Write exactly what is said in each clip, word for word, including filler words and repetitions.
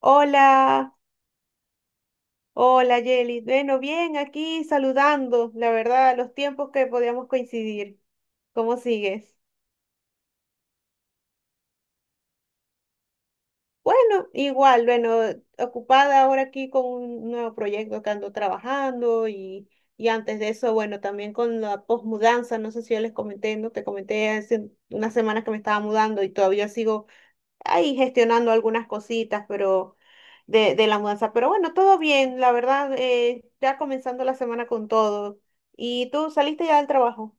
Hola, hola Yelis. Bueno, bien, aquí saludando, la verdad, los tiempos que podíamos coincidir. ¿Cómo sigues? Bueno, igual, bueno, ocupada ahora aquí con un nuevo proyecto que ando trabajando y, y antes de eso, bueno, también con la posmudanza, no sé si yo les comenté, no te comenté hace unas semanas que me estaba mudando y todavía sigo ahí gestionando algunas cositas, pero de, de la mudanza. Pero bueno, todo bien, la verdad, eh, ya comenzando la semana con todo. ¿Y tú saliste ya del trabajo?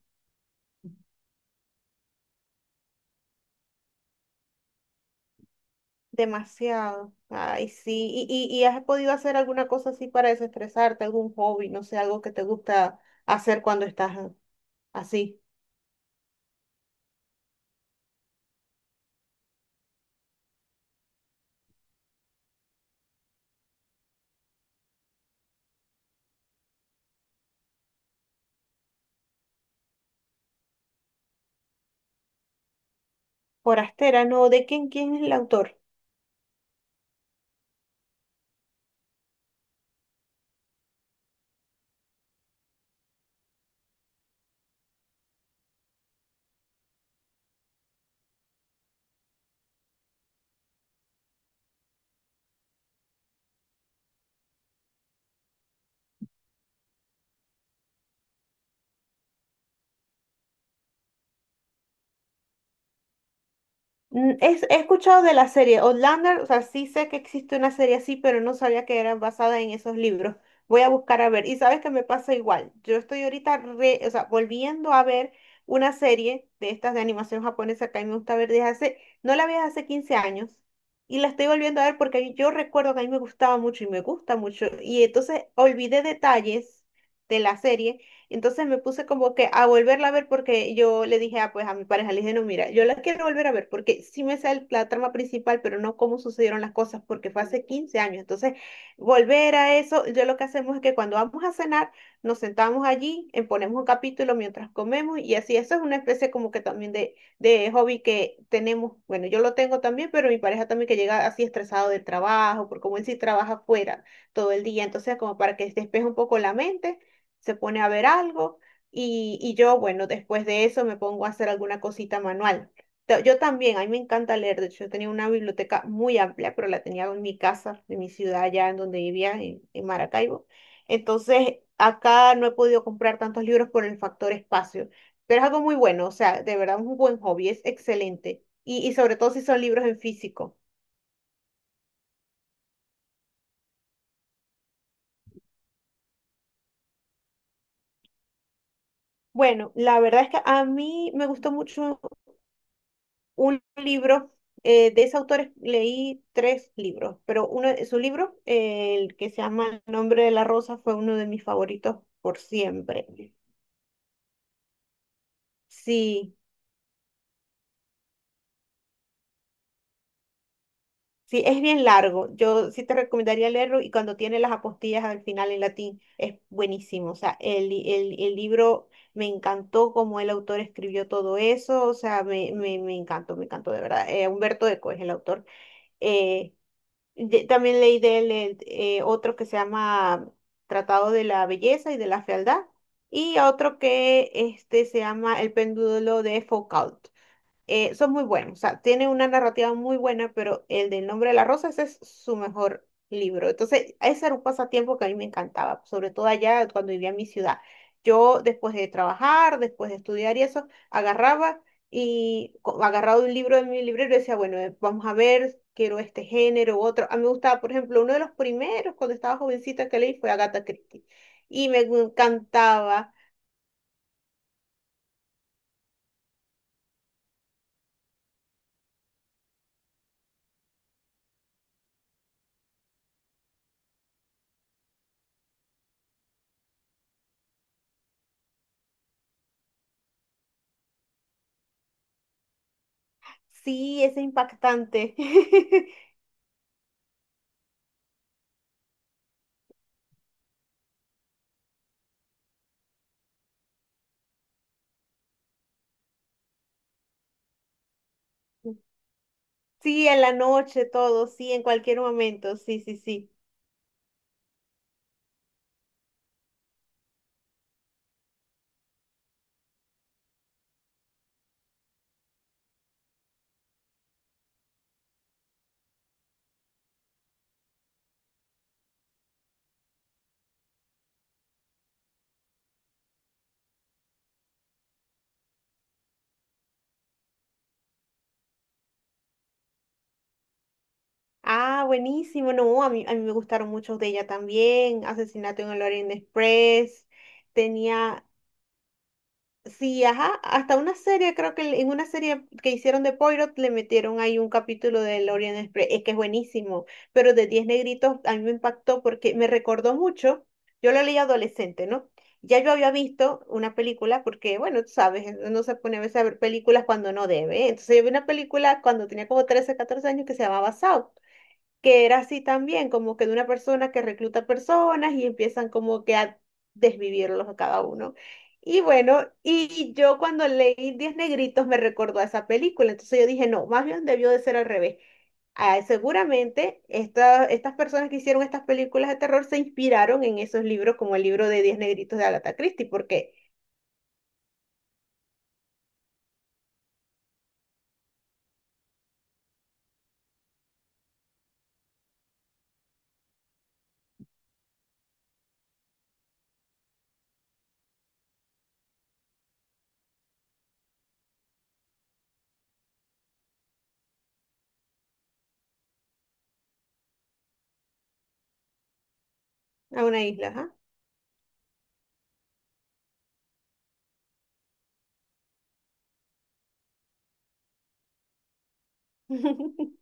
Demasiado. Ay, sí. ¿Y, y, y has podido hacer alguna cosa así para desestresarte, algún hobby, no sé, algo que te gusta hacer cuando estás así? Forastera, no, ¿de quién, quién es el autor? Mm, es- he escuchado de la serie Outlander, o sea, sí sé que existe una serie así, pero no sabía que era basada en esos libros. Voy a buscar a ver. Y sabes que me pasa igual. Yo estoy ahorita re- o sea, volviendo a ver una serie de estas de animación japonesa que a mí me gusta ver desde hace, no la veía hace quince años. Y la estoy volviendo a ver porque yo recuerdo que a mí me gustaba mucho y me gusta mucho. Y entonces olvidé detalles de la serie. Entonces me puse como que a volverla a ver porque yo le dije, ah, pues a mi pareja, le dije, no, mira, yo la quiero volver a ver porque sí me sale la trama principal, pero no cómo sucedieron las cosas porque fue hace quince años. Entonces, volver a eso, yo lo que hacemos es que cuando vamos a cenar, nos sentamos allí, eh, ponemos un capítulo mientras comemos y así, eso es una especie como que también de, de hobby que tenemos. Bueno, yo lo tengo también, pero mi pareja también que llega así estresado del trabajo, porque como él sí trabaja afuera todo el día, entonces como para que despeje un poco la mente se pone a ver algo y, y yo, bueno, después de eso me pongo a hacer alguna cosita manual. Ta- Yo también, a mí me encanta leer, de hecho, yo tenía una biblioteca muy amplia, pero la tenía en mi casa, en mi ciudad, allá en donde vivía, en, en Maracaibo. Entonces, acá no he podido comprar tantos libros por el factor espacio, pero es algo muy bueno, o sea, de verdad es un buen hobby, es excelente. Y, y sobre todo si son libros en físico. Bueno, la verdad es que a mí me gustó mucho un libro eh, de ese autor, leí tres libros, pero uno de sus libros, eh, el que se llama El nombre de la rosa, fue uno de mis favoritos por siempre. Sí, sí, es bien largo. Yo sí te recomendaría leerlo y cuando tiene las apostillas al final en latín, es buenísimo. O sea, el, li- el, el libro me encantó cómo el autor escribió todo eso. O sea, me, me, me encantó, me encantó de verdad. Eh, Humberto Eco es el autor. Eh, Ye- También leí de él el, eh, otro que se llama Tratado de la Belleza y de la Fealdad y otro que este, se llama El Péndulo de Foucault, eh, son muy buenos, o sea, tiene una narrativa muy buena, pero el del nombre de la rosa, ese es su mejor libro. Entonces, ese era un pasatiempo que a mí me encantaba, sobre todo allá cuando vivía en mi ciudad. Yo, después de trabajar, después de estudiar y eso, agarraba y co- agarraba un libro de mi librero y decía, bueno, eh, vamos a ver, quiero este género u otro. A mí me gustaba, por ejemplo, uno de los primeros cuando estaba jovencita que leí fue Agatha Christie y me encantaba. Sí, es impactante. Sí, en la noche, todo, sí, en cualquier momento, sí, sí, sí. Ah, buenísimo, no, a mí, a mí me gustaron muchos de ella también, Asesinato en el Orient Express, tenía. Sí, ajá, hasta una serie, creo que en una serie que hicieron de Poirot le metieron ahí un capítulo del Orient Express, es que es buenísimo, pero de Diez Negritos a mí me impactó porque me recordó mucho, yo lo leí adolescente, ¿no? Ya yo había visto una película porque, bueno, tú sabes, no se pone a veces a ver películas cuando no debe, ¿eh? Entonces yo vi una película cuando tenía como trece, catorce años que se llamaba Saw, que era así también, como que de una persona que recluta personas y empiezan como que a desvivirlos a cada uno. Y bueno, y yo cuando leí Diez Negritos me recordó a esa película, entonces yo dije, no, más bien debió de ser al revés. Ah, seguramente esta- estas personas que hicieron estas películas de terror se inspiraron en esos libros como el libro de Diez Negritos de Agatha Christie, porque a una isla, ajá.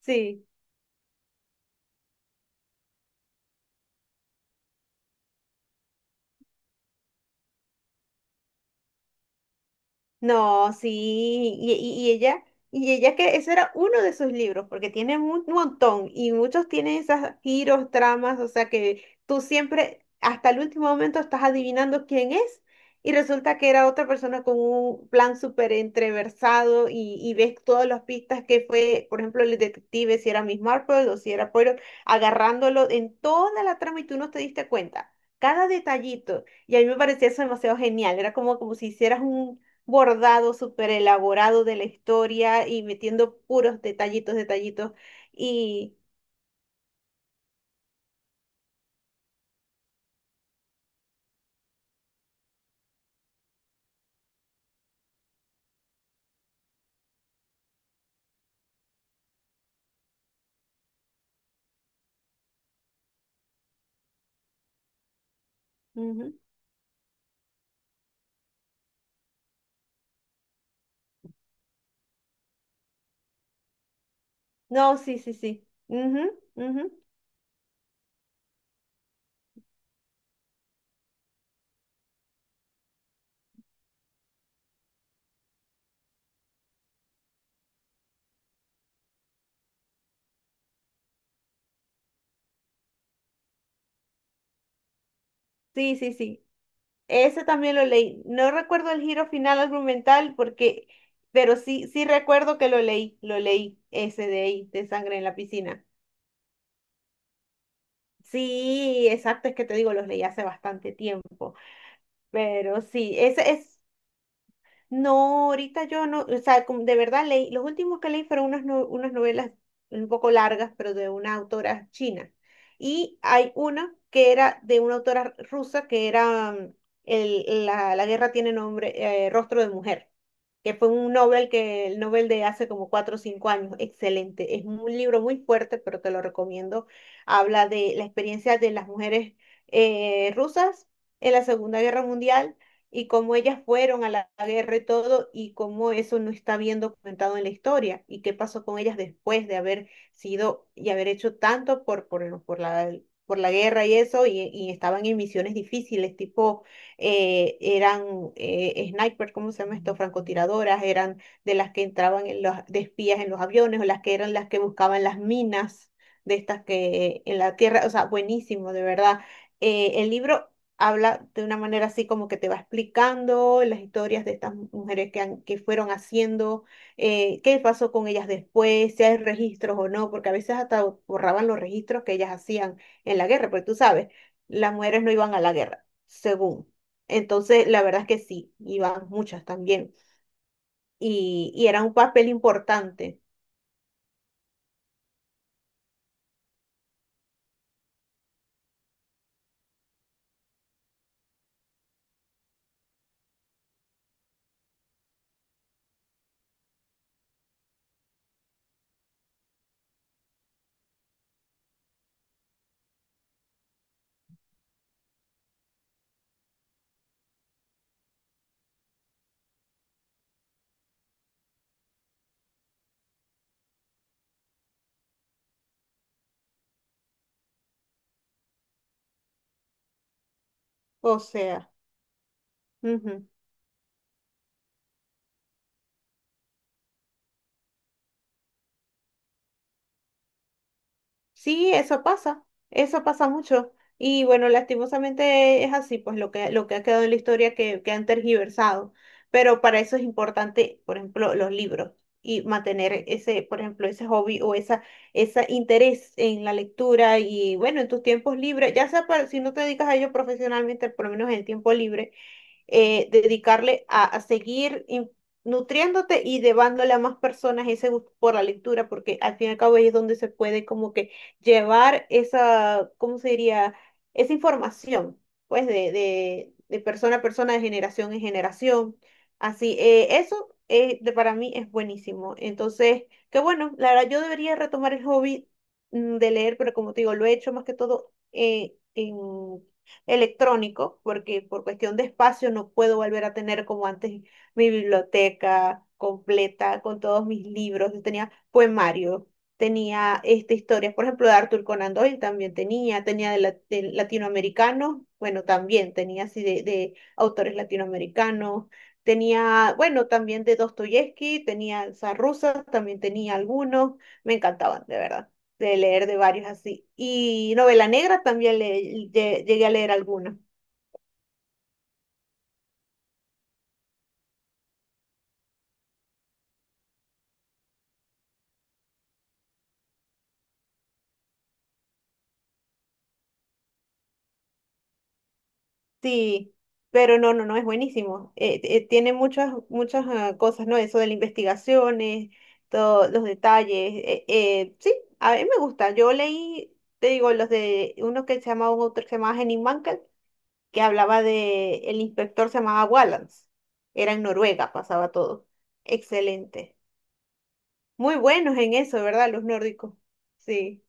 Sí. No, sí, y, y- y ella, y ella que ese era uno de sus libros, porque tiene un montón, y muchos tienen esas giros, tramas, o sea que tú siempre, hasta el último momento, estás adivinando quién es, y resulta que era otra persona con un plan súper entreversado, y, y ves todas las pistas que fue, por ejemplo, el detective, si era Miss Marple o si era Poirot, agarrándolo en toda la trama y tú no te diste cuenta. Cada detallito, y a mí me parecía eso demasiado genial, era como, como si hicieras un bordado súper elaborado de la historia y metiendo puros detallitos, detallitos. Y ujú. No, sí, sí, sí. Ujú, ujú. Sí, sí, sí. Ese también lo leí. No recuerdo el giro final argumental porque, pero sí, sí recuerdo que lo leí, lo leí, ese de ahí, de sangre en la piscina. Sí, exacto, es que te digo, los leí hace bastante tiempo. Pero sí, ese es. No, ahorita yo no, o sea, como de verdad leí, los últimos que leí fueron unas, no- unas novelas un poco largas, pero de una autora china. Y hay una que era de una autora rusa, que era mm, el, la, la guerra tiene nombre, eh, Rostro de Mujer, que fue un Nobel que, el Nobel de hace como cuatro o cinco años, excelente. Es un libro muy fuerte, pero te lo recomiendo. Habla de la experiencia de las mujeres eh, rusas en la Segunda Guerra Mundial y cómo ellas fueron a la guerra y todo, y cómo eso no está bien documentado en la historia, y qué pasó con ellas después de haber sido y haber hecho tanto por, por, por la, por la guerra y eso, y, y estaban en misiones difíciles, tipo, eh, eran eh, sniper, ¿cómo se llama esto? Francotiradoras, eran de las que entraban en los, de espías en los aviones, o las que eran las que buscaban las minas de estas que en la tierra, o sea, buenísimo, de verdad. Eh, el libro habla de una manera así como que te va explicando las historias de estas mu- mujeres que, han- que fueron haciendo, eh, qué pasó con ellas después, si hay registros o no, porque a veces hasta borraban los registros que ellas hacían en la guerra, porque tú sabes, las mujeres no iban a la guerra, según. Entonces, la verdad es que sí, iban muchas también, y, y era un papel importante, o sea, ujú. Sí, eso pasa, eso pasa mucho. Y bueno, lastimosamente es así, pues lo que, lo que, ha quedado en la historia que, que han tergiversado. Pero para eso es importante, por ejemplo, los libros y mantener ese, por ejemplo, ese hobby o esa, ese interés en la lectura y bueno, en tus tiempos libres, ya sea para- si no te dedicas a ello profesionalmente, por lo menos en el tiempo libre eh, dedicarle a, a seguir in- nutriéndote y llevándole a más personas ese gusto por la lectura, porque al fin y al cabo ahí es donde se puede como que llevar esa, ¿cómo se diría? Esa información, pues, de, de, de persona a persona, de generación en generación. Así, eh, eso eh, de- para mí es buenísimo. Entonces, que bueno, la verdad yo debería retomar el hobby mm, de leer, pero como te digo, lo he hecho más que todo eh, en electrónico, porque por cuestión de espacio no puedo volver a tener como antes mi biblioteca completa con todos mis libros. Yo tenía poemarios, tenía este, historias, por ejemplo, de Arthur Conan Doyle también tenía, tenía de, la- de latinoamericanos, bueno, también tenía así de, de autores latinoamericanos. Tenía, bueno, también de Dostoyevsky, tenía rusa, también tenía algunos, me encantaban, de verdad de leer de varios así. Y novela negra también le, lle- llegué a leer alguna. Sí, pero no, no, no, es buenísimo. Eh, eh, tiene muchas, muchas ah, cosas, ¿no? Eso de las investigaciones, todos los detalles. Eh, eh, sí, a mí me gusta. Yo leí, te digo, los de uno que se llamaba, un autor que se llamaba Henning Mankell, que hablaba de, el inspector se llamaba Wallace. Era en Noruega, pasaba todo. Excelente. Muy buenos en eso, ¿verdad? Los nórdicos. Sí.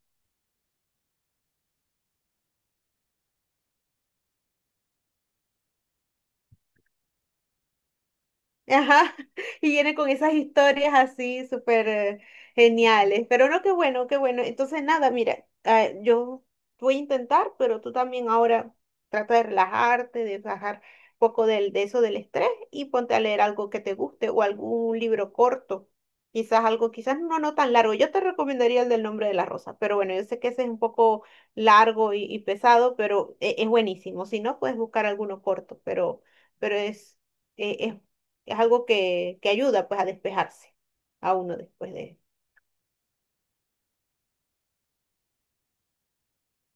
Ajá, y viene con esas historias así súper eh, geniales. Pero no, qué bueno, qué bueno. Entonces, nada, mira, ah, yo voy a intentar, pero tú también ahora trata de relajarte, de bajar un poco del, de eso del estrés y ponte a leer algo que te guste o algún libro corto. Quizás algo, quizás no, no tan largo. Yo te recomendaría el del nombre de la rosa, pero bueno, yo sé que ese es un poco largo y, y pesado, pero e- es buenísimo. Si no, puedes buscar alguno corto, pero, pero es, e- es es algo que, que ayuda pues a despejarse a uno después de...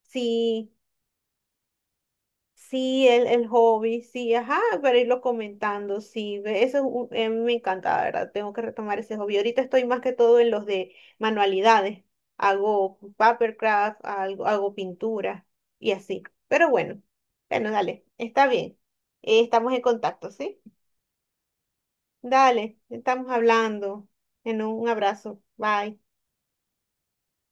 Sí, sí, el, el hobby, sí, ajá, para irlo comentando, sí, ve, eso es un- eh, me encanta, la ¿verdad? Tengo que retomar ese hobby. Ahorita estoy más que todo en los de manualidades, hago papercraft, algo, hago pintura y así. Pero bueno, bueno, dale, está bien. Eh, estamos en contacto, ¿sí? Dale, estamos hablando. En un abrazo. Bye.